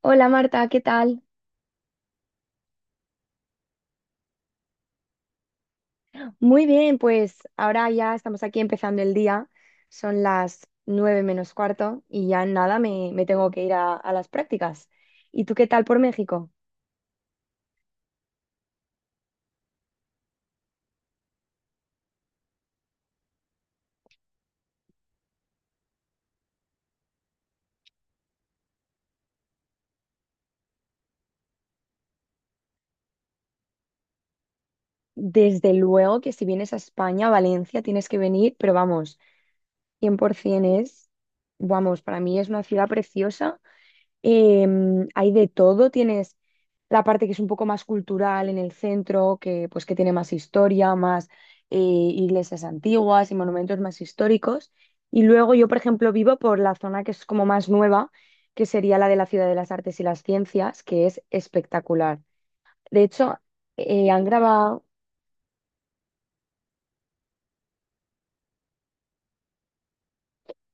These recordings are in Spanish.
Hola Marta, ¿qué tal? Muy bien, pues ahora ya estamos aquí empezando el día. Son las nueve menos cuarto y ya en nada me tengo que ir a las prácticas. ¿Y tú qué tal por México? Desde luego que si vienes a España, a Valencia, tienes que venir, pero vamos, 100% es, vamos, para mí es una ciudad preciosa. Hay de todo, tienes la parte que es un poco más cultural en el centro, que pues que tiene más historia, más iglesias antiguas y monumentos más históricos. Y luego yo, por ejemplo, vivo por la zona que es como más nueva, que sería la de la Ciudad de las Artes y las Ciencias, que es espectacular. De hecho, han grabado.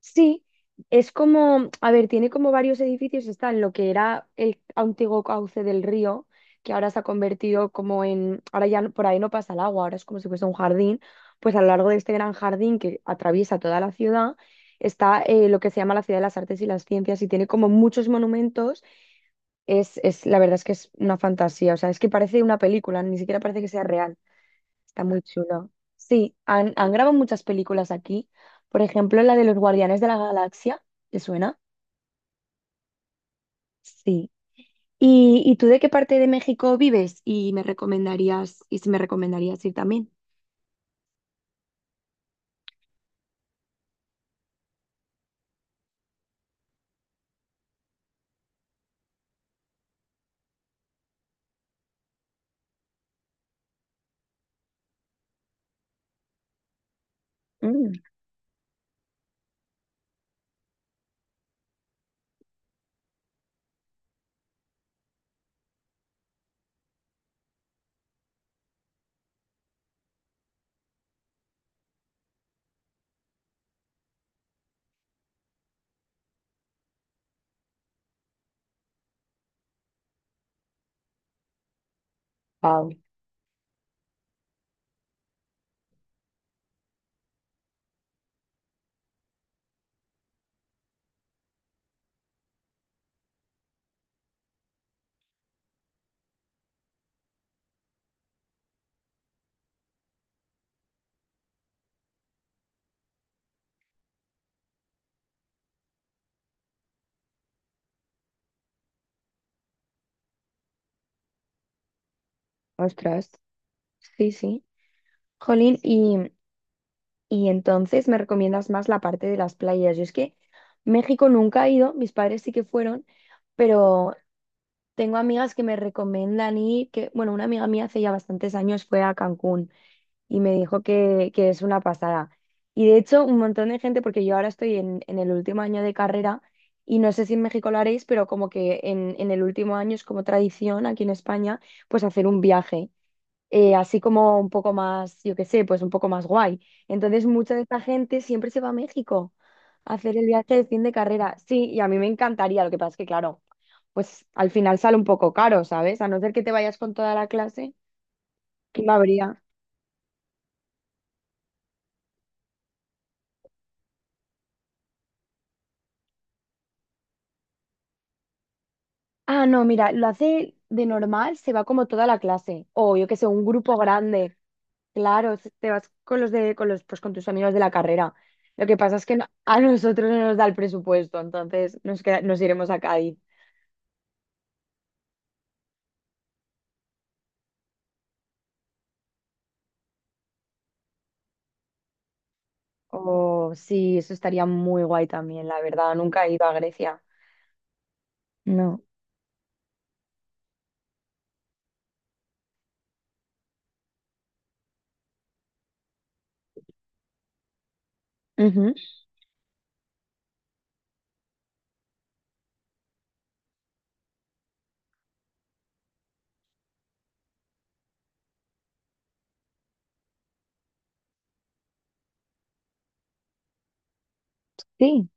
Sí, es como, a ver, tiene como varios edificios, está en lo que era el antiguo cauce del río, que ahora se ha convertido como en, ahora ya no- por ahí no pasa el agua, ahora es como si fuese un jardín, pues a lo largo de este gran jardín que atraviesa toda la ciudad está lo que se llama la Ciudad de las Artes y las Ciencias y tiene como muchos monumentos, la verdad es que es una fantasía, o sea, es que parece una película, ni siquiera parece que sea real. Está muy chulo. Sí, han grabado muchas películas aquí. Por ejemplo, la de los Guardianes de la Galaxia. ¿Te suena? Sí. ¿Y tú de qué parte de México vives? Y me recomendarías, y si me recomendarías ir también. Wow. Ostras. Sí, sí. Jolín, y entonces me recomiendas más la parte de las playas. Yo es que México nunca he ido, mis padres sí que fueron, pero tengo amigas que me recomiendan ir, que, bueno, una amiga mía hace ya bastantes años fue a Cancún y me dijo que es una pasada. Y de hecho, un montón de gente, porque yo ahora estoy en el último año de carrera y no sé si en México lo haréis, pero como que en el último año es como tradición aquí en España, pues hacer un viaje así como un poco más, yo qué sé, pues un poco más guay. Entonces, mucha de esta gente siempre se va a México a hacer el viaje de fin de carrera. Sí, y a mí me encantaría, lo que pasa es que, claro, pues al final sale un poco caro, ¿sabes? A no ser que te vayas con toda la clase, no habría. Ah, no, mira, lo hace de normal, se va como toda la clase, o yo qué sé, un grupo grande. Claro, se- te vas con los de, con los, pues con tus amigos de la carrera. Lo que pasa es que no- a nosotros no nos da el presupuesto, entonces nos queda- nos iremos a Cádiz. O sí, eso estaría muy guay también, la verdad. Nunca he ido a Grecia. No. Ujú. Sí.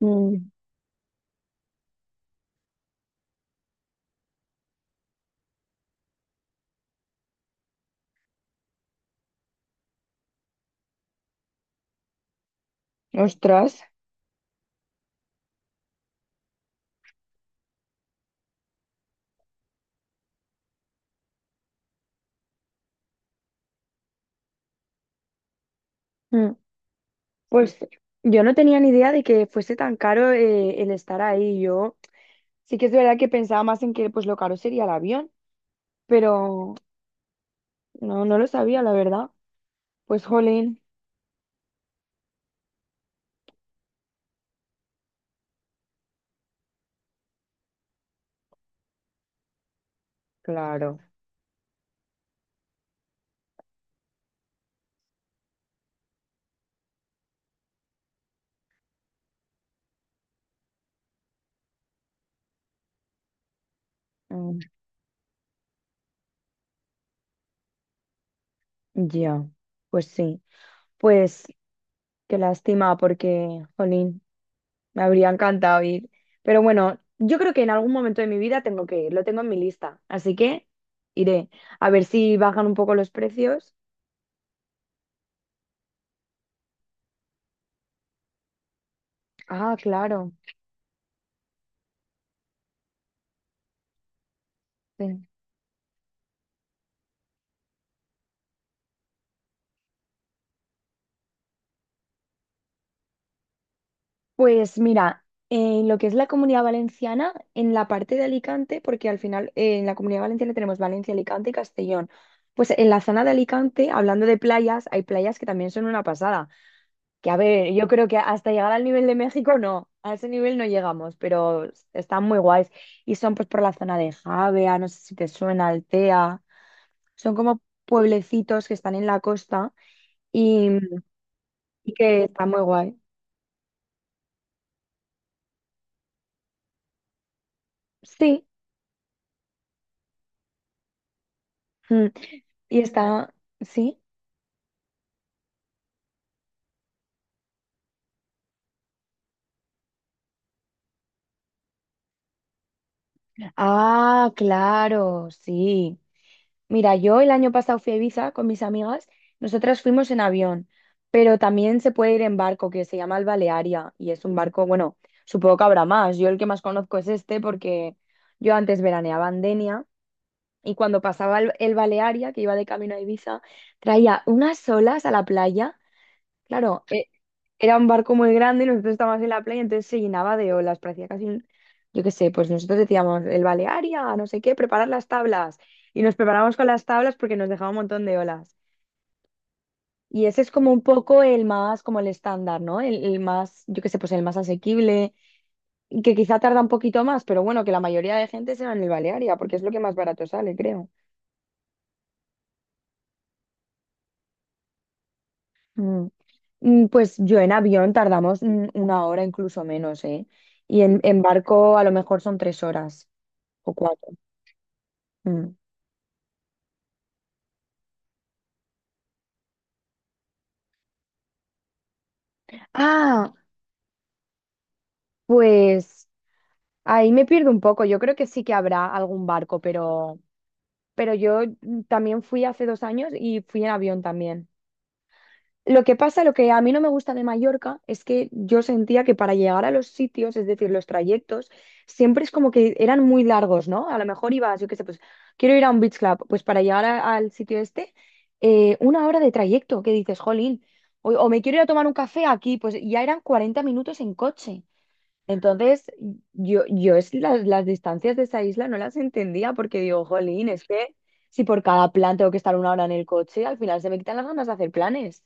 Mm. Ostras. Mm. Pues yo no tenía ni idea de que fuese tan caro el estar ahí. Yo sí que es verdad que pensaba más en que pues lo caro sería el avión, pero no lo sabía, la verdad. Pues jolín. Claro. Mm. Ya. Pues sí. Pues qué lástima porque, jolín. Me habría encantado ir. Pero bueno, yo creo que en algún momento de mi vida tengo que ir, lo tengo en mi lista. Así que iré a ver si bajan un poco los precios. Ah, claro. Sí. Pues mira, en lo que es la Comunidad Valenciana, en la parte de Alicante, porque al final en la Comunidad Valenciana tenemos Valencia, Alicante y Castellón. Pues en la zona de Alicante, hablando de playas, hay playas que también son una pasada. Que a ver, yo creo que hasta llegar al nivel de México no, a ese nivel no llegamos, pero están muy guays. Y son pues por la zona de Javea, no sé si te suena, Altea. Son como pueblecitos que están en la costa y, y que está muy guay. Sí, mm, y está, sí. Ah, claro, sí. Mira, yo el año pasado fui a Ibiza con mis amigas, nosotras fuimos en avión, pero también se puede ir en barco que se llama el Balearia y es un barco, bueno, supongo que habrá más, yo el que más conozco es este porque yo antes veraneaba en Denia y cuando pasaba el Balearia, que iba de camino a Ibiza, traía unas olas a la playa. Claro, e- era un barco muy grande y nosotros estábamos en la playa, entonces se llenaba de olas, parecía casi un, yo qué sé, pues nosotros decíamos, el Balearia, no sé qué, preparar las tablas. Y nos preparamos con las tablas porque nos dejaba un montón de olas. Y ese es como un poco el más, como el estándar, ¿no? El más, yo qué sé, pues el más asequible, y que quizá tarda un poquito más, pero bueno, que la mayoría de gente se va en el Balearia, porque es lo que más barato sale, creo. Mm. Mm, pues yo en avión tardamos una hora, incluso menos, ¿eh? Y en barco a lo mejor son tres horas o cuatro. Mm. Ah, pues ahí me pierdo un poco. Yo creo que sí que habrá algún barco, pero yo también fui hace dos años y fui en avión también. Lo que pasa, lo que a mí no me gusta de Mallorca es que yo sentía que para llegar a los sitios, es decir, los trayectos, siempre es como que eran muy largos, ¿no? A lo mejor ibas, yo qué sé, pues quiero ir a un beach club, pues para llegar a- al sitio este, una hora de trayecto, que dices, jolín, o me quiero ir a tomar un café aquí, pues ya eran 40 minutos en coche. Entonces, yo es las distancias de esa isla no las entendía porque digo, jolín, es que si por cada plan tengo que estar una hora en el coche, al final se me quitan las ganas de hacer planes.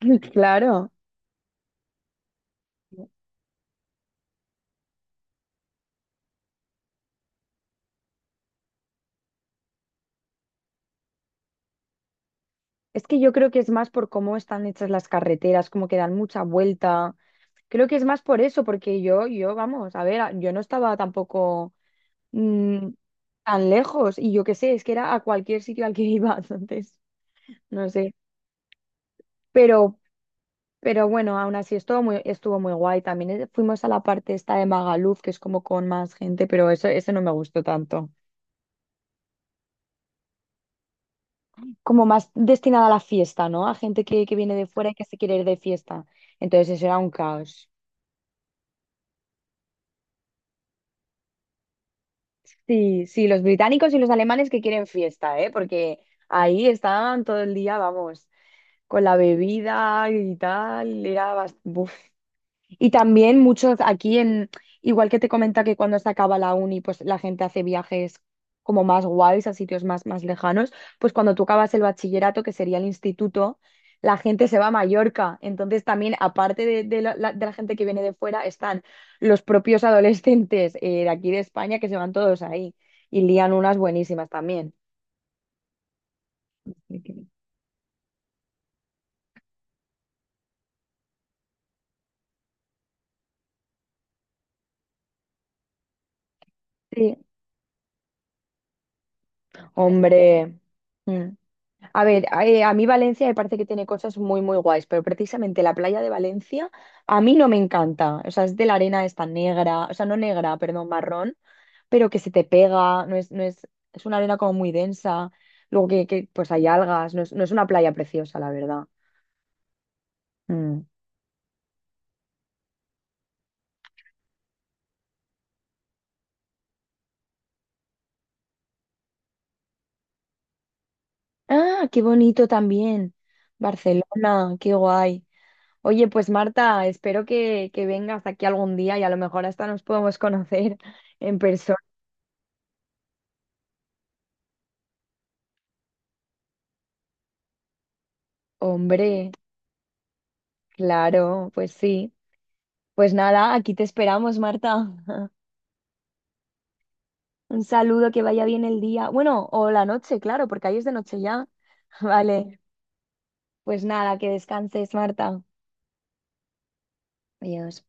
Claro. Es que yo creo que es más por cómo están hechas las carreteras, como que dan mucha vuelta. Creo que es más por eso, porque vamos, a ver, a- yo no estaba tampoco mm, tan lejos y yo qué sé, es que era a cualquier sitio al que iba entonces, no sé. Pero, pero bueno, aún así estuvo muy guay. También fuimos a la parte esta de Magaluf, que es como con más gente, pero eso, ese no me gustó tanto. Como más destinada a la fiesta, ¿no? A gente que viene de fuera y que se quiere ir de fiesta. Entonces eso era un caos. Sí, sí, los británicos y los alemanes que quieren fiesta, ¿eh? Porque ahí estaban todo el día, vamos, con la bebida y tal. Era bastante... Y también muchos aquí en, igual que te comenta que cuando se acaba la uni, pues la gente hace viajes como más guays a sitios más, más lejanos, pues cuando tú acabas el bachillerato, que sería el instituto, la gente se va a Mallorca. Entonces también, aparte de la, la- de la gente que viene de fuera, están los propios adolescentes de aquí de España que se van todos ahí y lían unas buenísimas también. Así que, sí, hombre. Mm. A ver, a mí Valencia me parece que tiene cosas muy, muy guays, pero precisamente la playa de Valencia a mí no me encanta. O sea, es de la arena esta negra, o sea, no negra, perdón, marrón, pero que se te pega, no es, es una arena como muy densa, luego que, pues hay algas, no es, no es una playa preciosa, la verdad. Mm. Ah, qué bonito también. Barcelona, qué guay. Oye, pues Marta, espero que vengas aquí algún día y a lo mejor hasta nos podemos conocer en persona. Hombre. Claro, pues sí. Pues nada, aquí te esperamos, Marta. Un saludo, que vaya bien el día. Bueno, o la noche, claro, porque ahí es de noche ya. Vale, pues nada, que descanses, Marta. Adiós.